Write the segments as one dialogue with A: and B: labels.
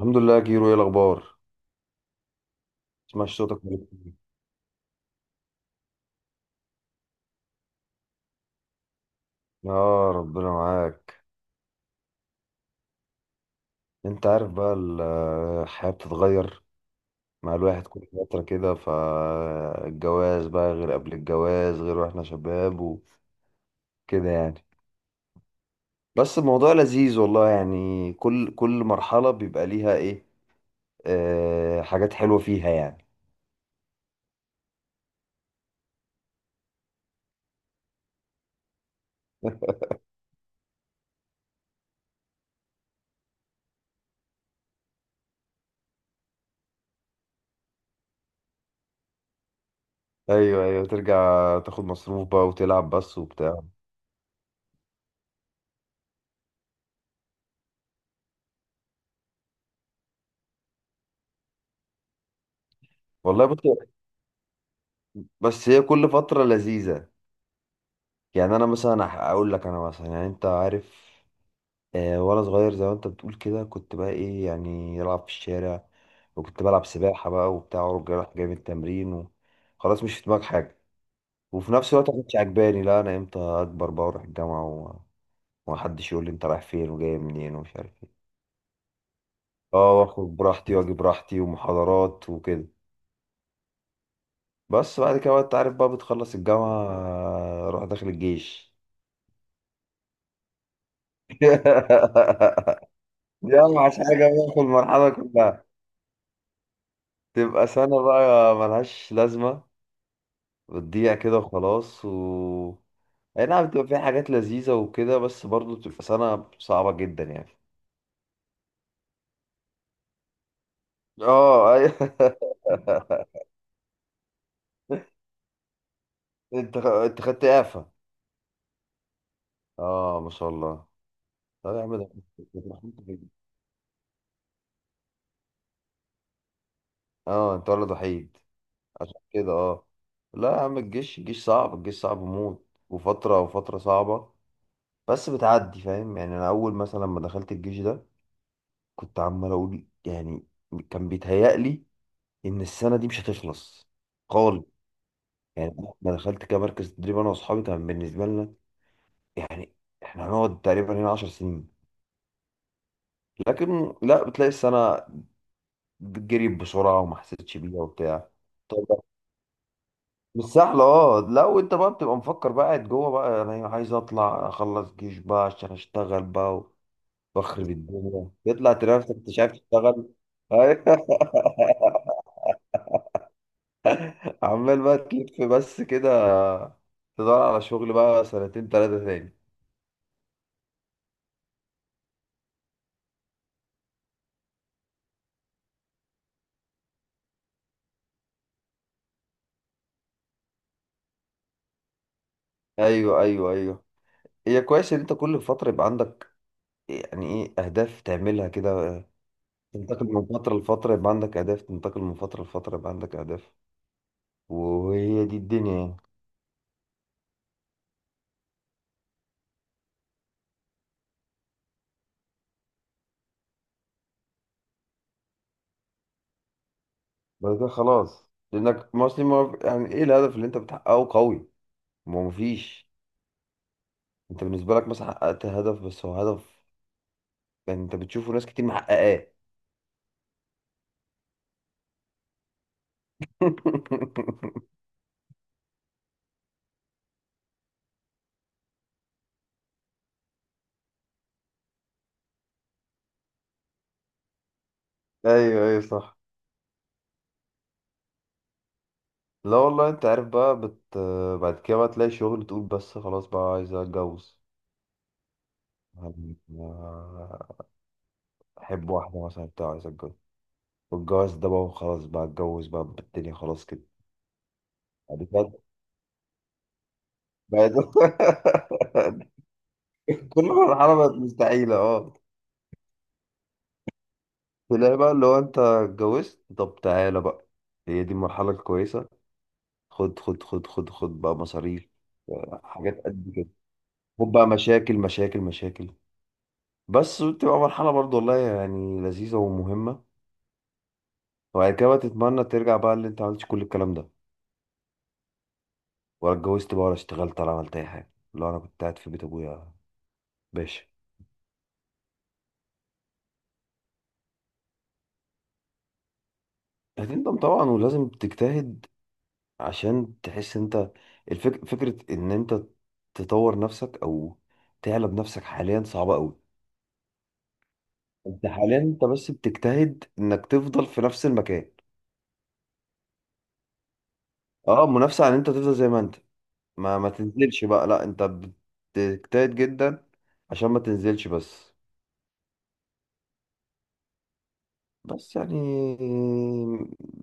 A: الحمد لله يا كيرو، ايه الاخبار؟ مش صوتك من الاتنين. يا ربنا معاك. انت عارف بقى الحياة بتتغير مع الواحد كل فترة كده، فالجواز بقى غير، قبل الجواز غير، واحنا شباب وكده يعني. بس الموضوع لذيذ والله، يعني كل مرحلة بيبقى ليها ايه، آه، حاجات حلوة فيها يعني. ايوه ايوه، ترجع تاخد مصروف بقى وتلعب بس وبتاع. والله بص، بس هي كل فترة لذيذة. يعني انا مثلا اقول لك، انا مثلا يعني انت عارف، آه، وانا صغير زي ما انت بتقول كده، كنت بقى ايه، يعني العب في الشارع، وكنت بلعب سباحه بقى وبتاع، ورجع رايح جاي من التمرين و... خلاص مش في دماغك حاجه. وفي نفس الوقت ما كنتش عجباني، لا انا امتى اكبر بقى واروح الجامعه و... ومحدش يقول لي انت رايح فين وجاي منين ومش عارف ايه. اه، واخد براحتي واجي براحتي ومحاضرات وكده. بس بعد كده بقى انت عارف بقى بتخلص الجامعه، آه، روح داخل الجيش. دي اوحش حاجه بقى في المرحله كلها. تبقى سنه بقى ملهاش لازمه، بتضيع كده وخلاص. و اي نعم بتبقى فيها حاجات لذيذة وكده، بس برضه بتبقى سنة صعبة جدا يعني. اه ايوه. انت خدت اعفاء؟ اه ما شاء الله. طب يا عم ده، ده أنت دخلت اه انت ولد وحيد، عشان كده اه. لا يا عم، الجيش صعب، الجيش صعب موت، وفترة، وفترة صعبة، بس بتعدي، فاهم؟ يعني انا اول مثلا لما دخلت الجيش ده، كنت عمال اقول يعني، كان بيتهيألي ان السنة دي مش هتخلص يعني. ما دخلت كمركز تدريب انا واصحابي، كان بالنسبه لنا يعني احنا هنقعد تقريبا هنا 10 سنين. لكن لا، بتلاقي السنه جريت بسرعه، وما حسيتش بيها وبتاع. طب مش سهله، اه. لا وانت بقى بتبقى مفكر بقى قاعد جوه بقى، انا عايز اطلع اخلص جيش بقى عشان اشتغل بقى واخرب الدنيا، يطلع تلاقي نفسك مش عارف تشتغل. عمال بقى تلف بس كده، تدور على شغل بقى سنتين ثلاثه تاني. ايوه ايوه ايوه. هي كويس ان انت كل فترة يبقى عندك يعني ايه، اهداف تعملها كده، تنتقل من فترة لفترة يبقى عندك اهداف، تنتقل من فترة لفترة يبقى عندك اهداف، وهي دي الدنيا يعني. بعد كده خلاص، لانك مصري، ما يعني ايه الهدف اللي انت بتحققه قوي، ما هو مفيش. انت بالنسبة لك مثلا حققت هدف، بس هو هدف يعني انت بتشوفه ناس كتير محققاه. ايوه ايوه صح. لا والله انت عارف بقى بعد كده بقى تلاقي شغل، تقول بس خلاص بقى عايز اتجوز يعني، احب واحده مثلا بتاع، عايز اتجوز، والجواز ده بقى خلاص بقى، اتجوز بقى، بالدنيا خلاص كده. بعد كده، بعد كل مرحله بقت مستحيله اه. تلاقي بقى اللي هو انت اتجوزت، طب تعالى بقى، هي دي المرحله الكويسه، خد خد خد خد خد بقى مصاريف، حاجات قد كده، خد بقى مشاكل مشاكل مشاكل. بس بتبقى مرحله برضو والله، يعني لذيذه ومهمه. وبعد كده بقى تتمنى ترجع بقى، اللي انت عملتش كل الكلام ده، ولا اتجوزت بقى، ولا اشتغلت، ولا عملت اي حاجه، لا انا كنت قاعد في بيت ابويا، ماشي. هتندم طبعا، ولازم تجتهد عشان تحس انت. فكرة ان انت تطور نفسك او تعلى بنفسك حاليا صعبة قوي. انت حاليا انت بس بتجتهد انك تفضل في نفس المكان. اه منافسة عن انت تفضل زي ما انت، ما تنزلش بقى، لا انت بتجتهد جدا عشان ما تنزلش بس. بس يعني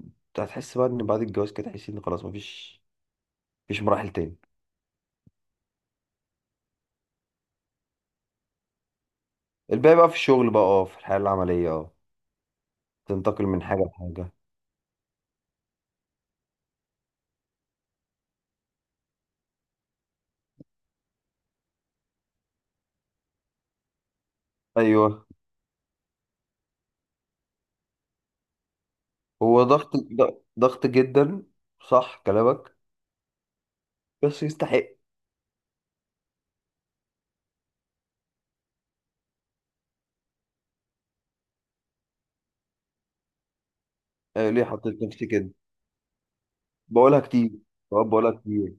A: انت هتحس بقى ان بعد الجواز كده تحس ان خلاص مفيش، مفيش مراحل تاني. الباقي بقى في الشغل بقى، اه، في الحياة العملية، اه، تنتقل من حاجة لحاجة. أيوه. هو ضغط، ضغط جدا، صح كلامك، بس يستحق. آه، ليه حطيت نفسي كده، بقولها كتير. ساعات بقولها كتير،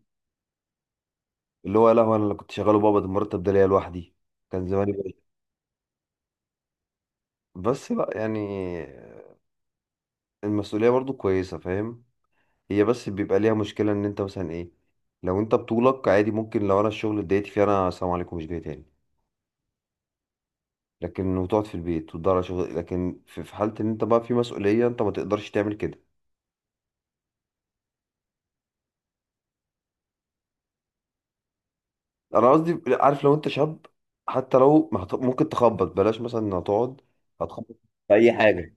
A: اللي هو لا هو أنا اللي كنت شغاله، بابا ده المرتب ده ليا لوحدي، كان زماني بقى. بس بقى يعني المسؤولية برضو كويسة، فاهم؟ هي بس بيبقى ليها مشكلة، إن أنت مثلا إيه، لو أنت بطولك عادي ممكن، لو أنا الشغل اتضايقت فيه أنا السلام عليكم، مش جاي تاني، لكن وتقعد في البيت وتدور على شغل. لكن في في حالة إن أنت بقى في مسؤولية، أنت ما تقدرش تعمل كده. انا قصدي عارف، لو انت شاب، حتى لو ما هت- ممكن تخبط بلاش مثلا، هتقعد هتخبط في اي حاجه.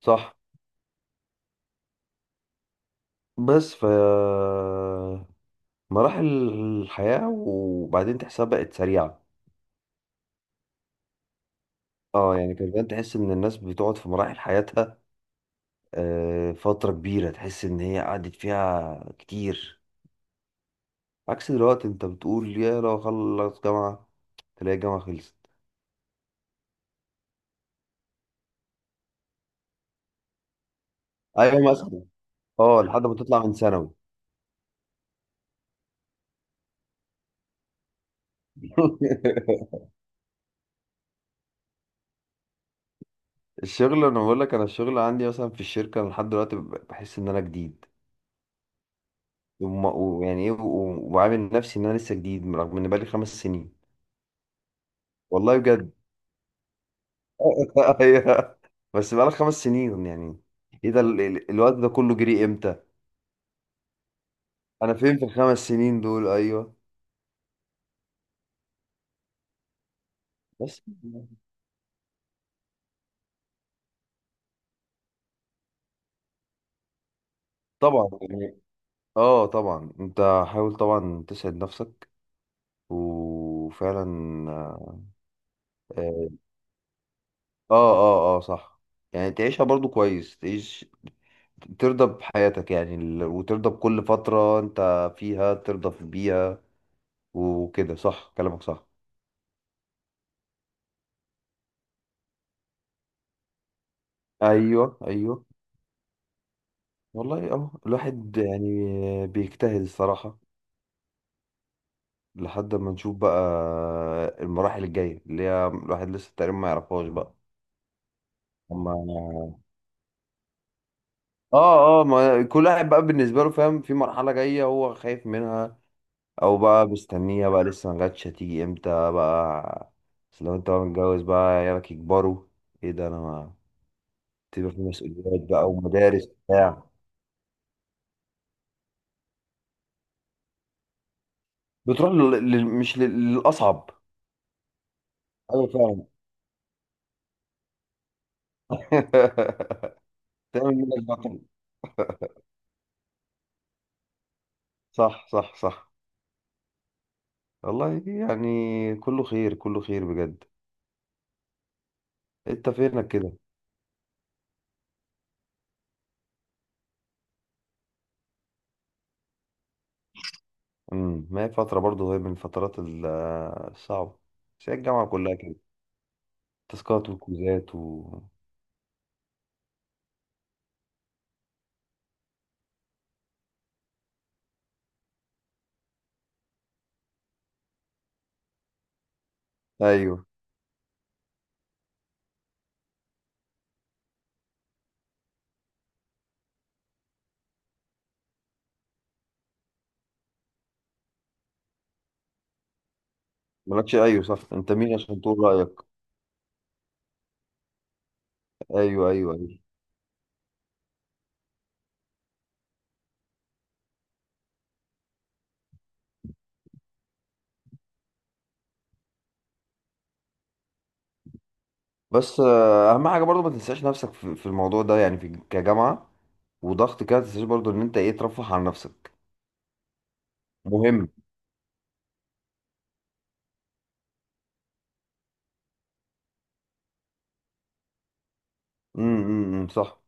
A: صح. بس مراحل الحياه، وبعدين تحسها بقت سريعه. اه يعني كان زمان تحس ان الناس بتقعد في مراحل حياتها، آه، فتره كبيره، تحس ان هي قعدت فيها كتير. عكس دلوقتي، انت بتقول يا لو خلص جامعه، تلاقي الجامعه خلصت. ايوه مثلا، اه، لحد ما تطلع من ثانوي. الشغل، انا بقول لك انا الشغل عندي مثلا في الشركه، أنا لحد دلوقتي بحس ان انا جديد، ويعني ايه وعامل نفسي ان انا لسه جديد، رغم ان بقالي خمس سنين. والله بجد. أيوه. بس بقالي خمس سنين يعني، ايه ده الوقت ده كله جري امتى؟ انا فين في الخمس سنين دول؟ ايوه. بس طبعا يعني، اه طبعا انت حاول طبعا تسعد نفسك، وفعلا، اه اه اه، آه، صح. يعني تعيشها برضو كويس، تعيش ترضى بحياتك، يعني وترضى بكل فترة انت فيها، ترضى في بيها وكده. صح كلامك صح. ايوه ايوه. والله اه الواحد يعني بيجتهد الصراحة، لحد ما نشوف بقى المراحل الجاية، اللي هي الواحد لسه تقريبا ما يعرفهاش بقى. اما، اه ما كل واحد بقى بالنسبة له فاهم، في مرحلة جاية هو خايف منها، او بقى مستنيها بقى لسه ما جاتش، هتيجي امتى بقى. بس لو انت بقى متجوز بقى، عيالك يكبروا، ايه ده، انا تبقى في مسؤوليات بقى ومدارس بتاع بتروح لل... لل- مش لل- للأصعب. أيوة فعلا. تعمل منك بطل. صح. والله يعني كله خير، كله خير بجد. أنت فينك كده؟ ما هي فترة برضه، هي من الفترات الصعبة، بس هي الجامعة كلها كده، تاسكات وكوزات و أيوه. مالكش، أيوه صح، أنت مين عشان تقول رأيك؟ أيوه. بس آه، أهم حاجة برضه ما تنساش نفسك في في الموضوع ده، يعني في كجامعة وضغط كده، ما تنساش برضه إن أنت إيه، ترفه عن نفسك. مهم. امم، صح.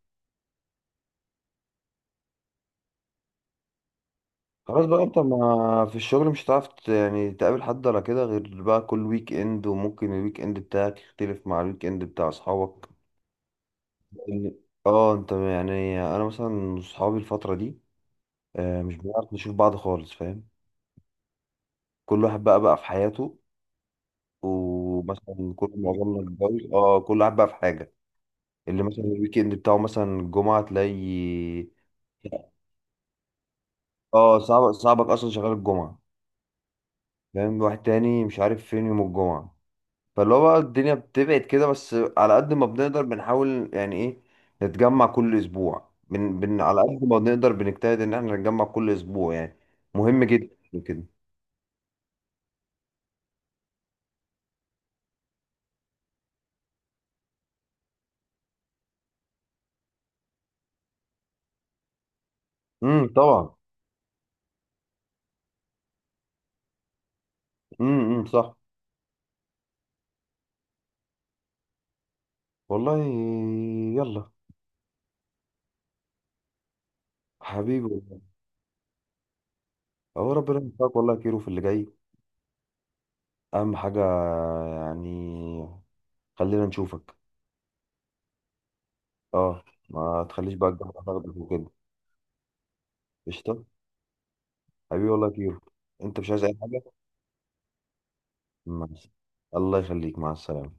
A: خلاص بقى انت، ما في الشغل مش هتعرف يعني تقابل حد ولا كده، غير بقى كل ويك اند، وممكن الويك اند بتاعك يختلف مع الويك اند بتاع اصحابك. لأن- اه انت يعني، انا مثلا اصحابي الفترة دي، آه، مش بنعرف نشوف بعض خالص، فاهم؟ كل واحد بقى في حياته، ومثلا كل معظمنا اتجوز، اه كل واحد بقى في حاجة. اللي مثلا الويك اند بتاعه مثلا الجمعة تلاقي، اه صعب، صعبك اصلا شغال الجمعة. فاهم؟ واحد تاني مش عارف فين يوم الجمعة. فاللي هو بقى الدنيا بتبعد كده، بس على قد ما بنقدر بنحاول يعني ايه، نتجمع كل اسبوع، بن بن على قد ما بنقدر بنجتهد ان احنا نتجمع كل اسبوع يعني. مهم جدا يعني كده. طبعا. امم، صح. والله، يلا، حبيبي والله. هو ربنا يوفقك والله يا كيرو في اللي جاي، اهم حاجة يعني، خلينا نشوفك. اه، ما تخليش بقى الجامعة تاخدك وكده. قشطة، حبيبي والله يا كيرو. انت مش عايز اي حاجة؟ مع الس- الله يخليك، مع السلامة.